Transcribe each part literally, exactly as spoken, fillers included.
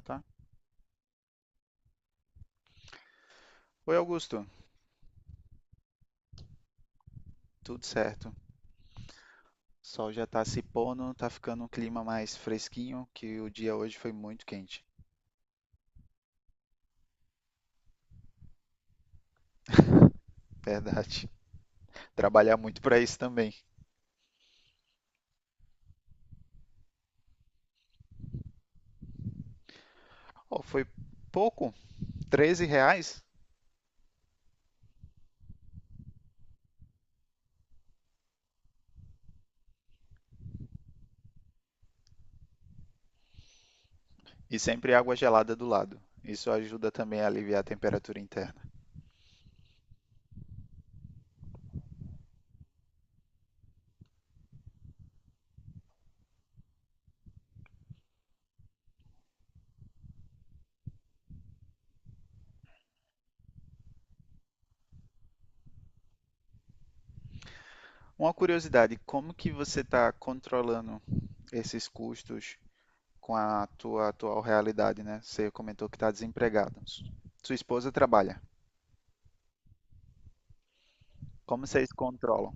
Tá. Oi, Augusto. Tudo certo. O sol já tá se pondo, tá ficando um clima mais fresquinho, que o dia hoje foi muito quente. Verdade. Trabalhar muito para isso também. Ó, foi pouco, treze reais e sempre água gelada do lado. Isso ajuda também a aliviar a temperatura interna. Uma curiosidade, como que você está controlando esses custos com a tua atual realidade, né? Você comentou que está desempregado. Sua esposa trabalha. Como vocês controlam?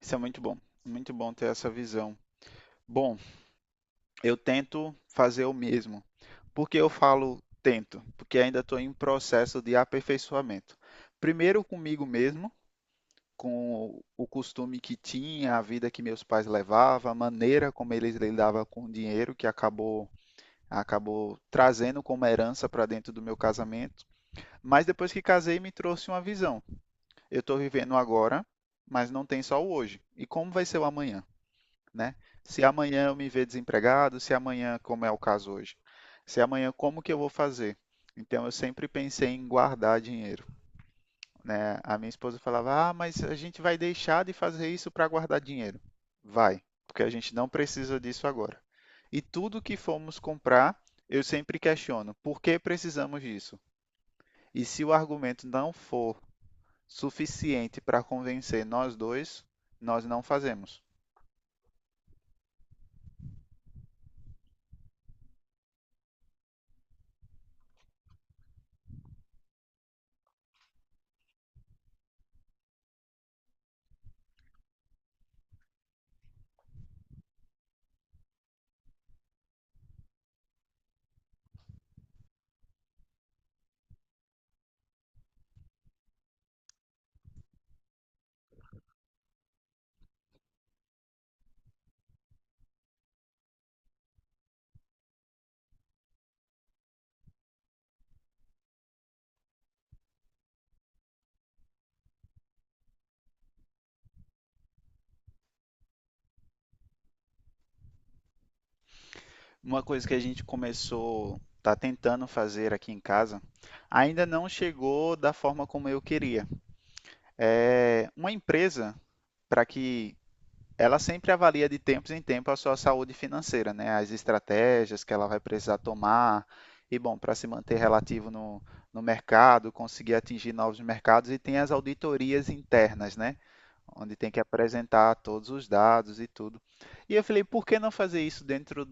Isso é muito bom, muito bom ter essa visão. Bom, eu tento fazer o mesmo. Por que eu falo tento? Porque ainda estou em processo de aperfeiçoamento. Primeiro comigo mesmo, com o costume que tinha, a vida que meus pais levavam, a maneira como eles lidavam com o dinheiro que acabou acabou trazendo como herança para dentro do meu casamento. Mas depois que casei, me trouxe uma visão. Eu estou vivendo agora, mas não tem só o hoje. E como vai ser o amanhã? Né? Se amanhã eu me ver desempregado, se amanhã, como é o caso hoje, se amanhã como que eu vou fazer? Então eu sempre pensei em guardar dinheiro, né? A minha esposa falava: "Ah, mas a gente vai deixar de fazer isso para guardar dinheiro". Vai, porque a gente não precisa disso agora. E tudo que formos comprar, eu sempre questiono: por que precisamos disso? E se o argumento não for suficiente para convencer nós dois, nós não fazemos. Uma coisa que a gente começou, tá tentando fazer aqui em casa, ainda não chegou da forma como eu queria. É uma empresa para que ela sempre avalia de tempos em tempos a sua saúde financeira, né? As estratégias que ela vai precisar tomar e bom, para se manter relativo no, no mercado, conseguir atingir novos mercados e tem as auditorias internas, né? Onde tem que apresentar todos os dados e tudo. E eu falei, por que não fazer isso dentro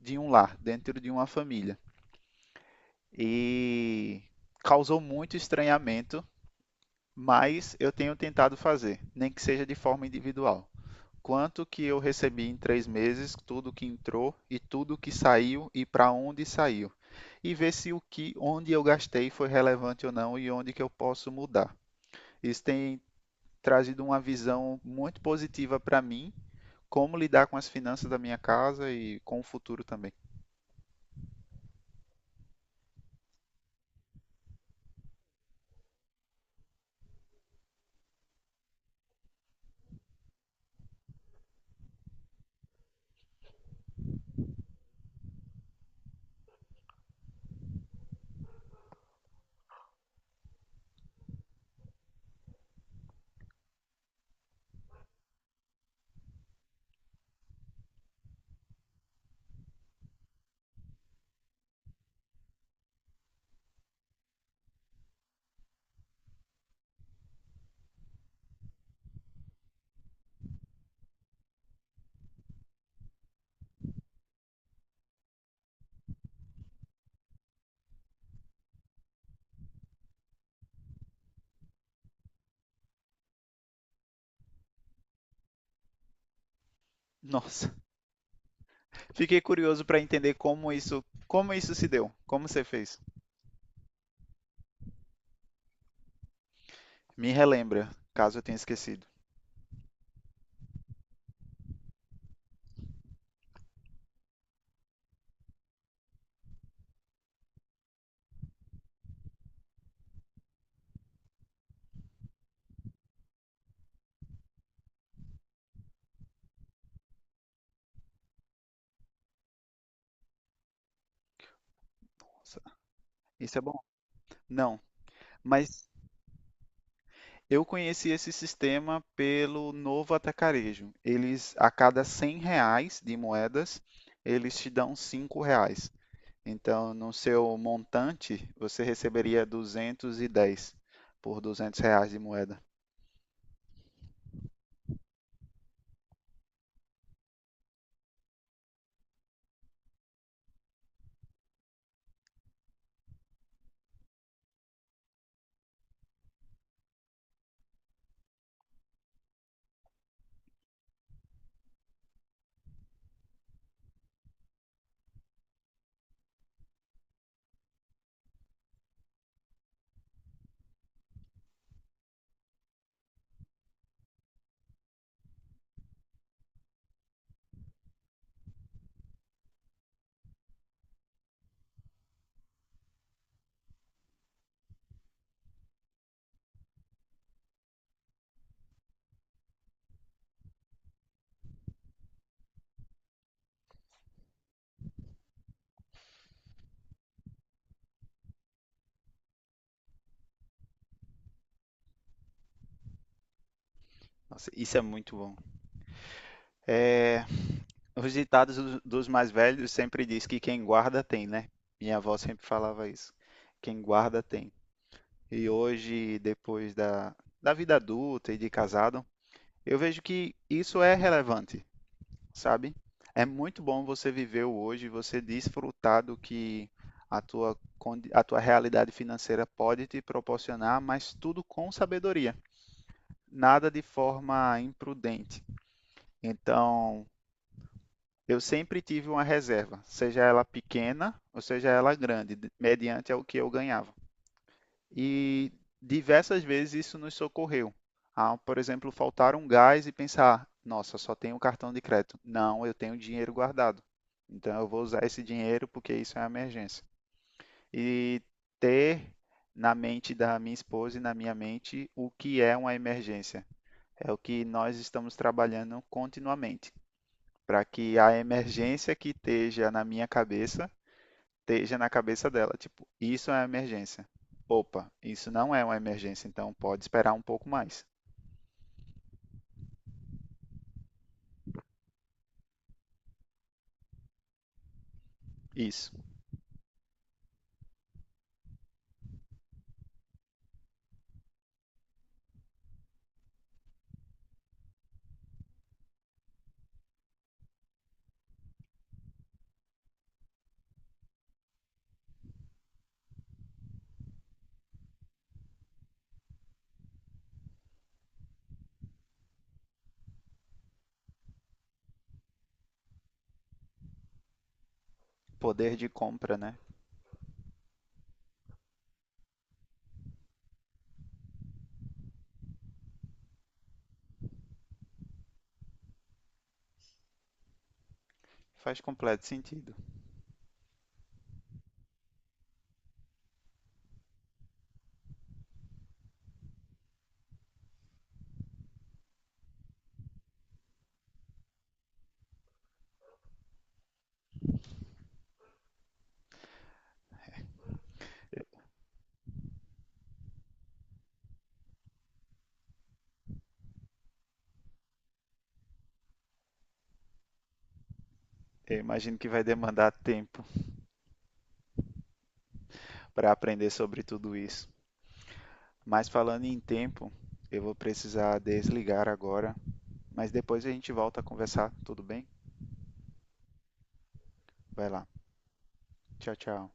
de um lar, dentro de uma família? E causou muito estranhamento, mas eu tenho tentado fazer, nem que seja de forma individual. Quanto que eu recebi em três meses, tudo que entrou e tudo que saiu e para onde saiu. E ver se o que, onde eu gastei foi relevante ou não e onde que eu posso mudar. Isso tem trazido uma visão muito positiva para mim como lidar com as finanças da minha casa e com o futuro também. Nossa, fiquei curioso para entender como isso, como isso se deu, como você fez. Me relembra, caso eu tenha esquecido. Nossa, isso é bom? Não, mas eu conheci esse sistema pelo Novo Atacarejo. Eles, a cada cem reais de moedas, eles te dão cinco reais. Então, no seu montante, você receberia duzentos e dez por duzentos reais de moeda. Nossa, isso é muito bom. É, os ditados dos- dos mais velhos sempre diz que quem guarda tem, né? Minha avó sempre falava isso. Quem guarda tem. E hoje, depois da, da vida adulta e de casado, eu vejo que isso é relevante, sabe? É muito bom você viver o hoje, você desfrutar do que a tua, condi- a tua realidade financeira pode te proporcionar, mas tudo com sabedoria, nada de forma imprudente. Então, eu sempre tive uma reserva, seja ela pequena ou seja ela grande, mediante ao que eu ganhava. E diversas vezes isso nos socorreu. Ao, por exemplo, faltar um gás e pensar: nossa, só tenho cartão de crédito. Não, eu tenho dinheiro guardado. Então eu vou usar esse dinheiro porque isso é uma emergência. E ter na mente da minha esposa e na minha mente o que é uma emergência. É o que nós estamos trabalhando continuamente para que a emergência que esteja na minha cabeça esteja na cabeça dela. Tipo, isso é uma emergência. Opa, isso não é uma emergência, então pode esperar um pouco mais. Isso. Poder de compra, né? Faz completo sentido. Eu imagino que vai demandar tempo para aprender sobre tudo isso. Mas falando em tempo, eu vou precisar desligar agora. Mas depois a gente volta a conversar, tudo bem? Vai lá. Tchau, tchau.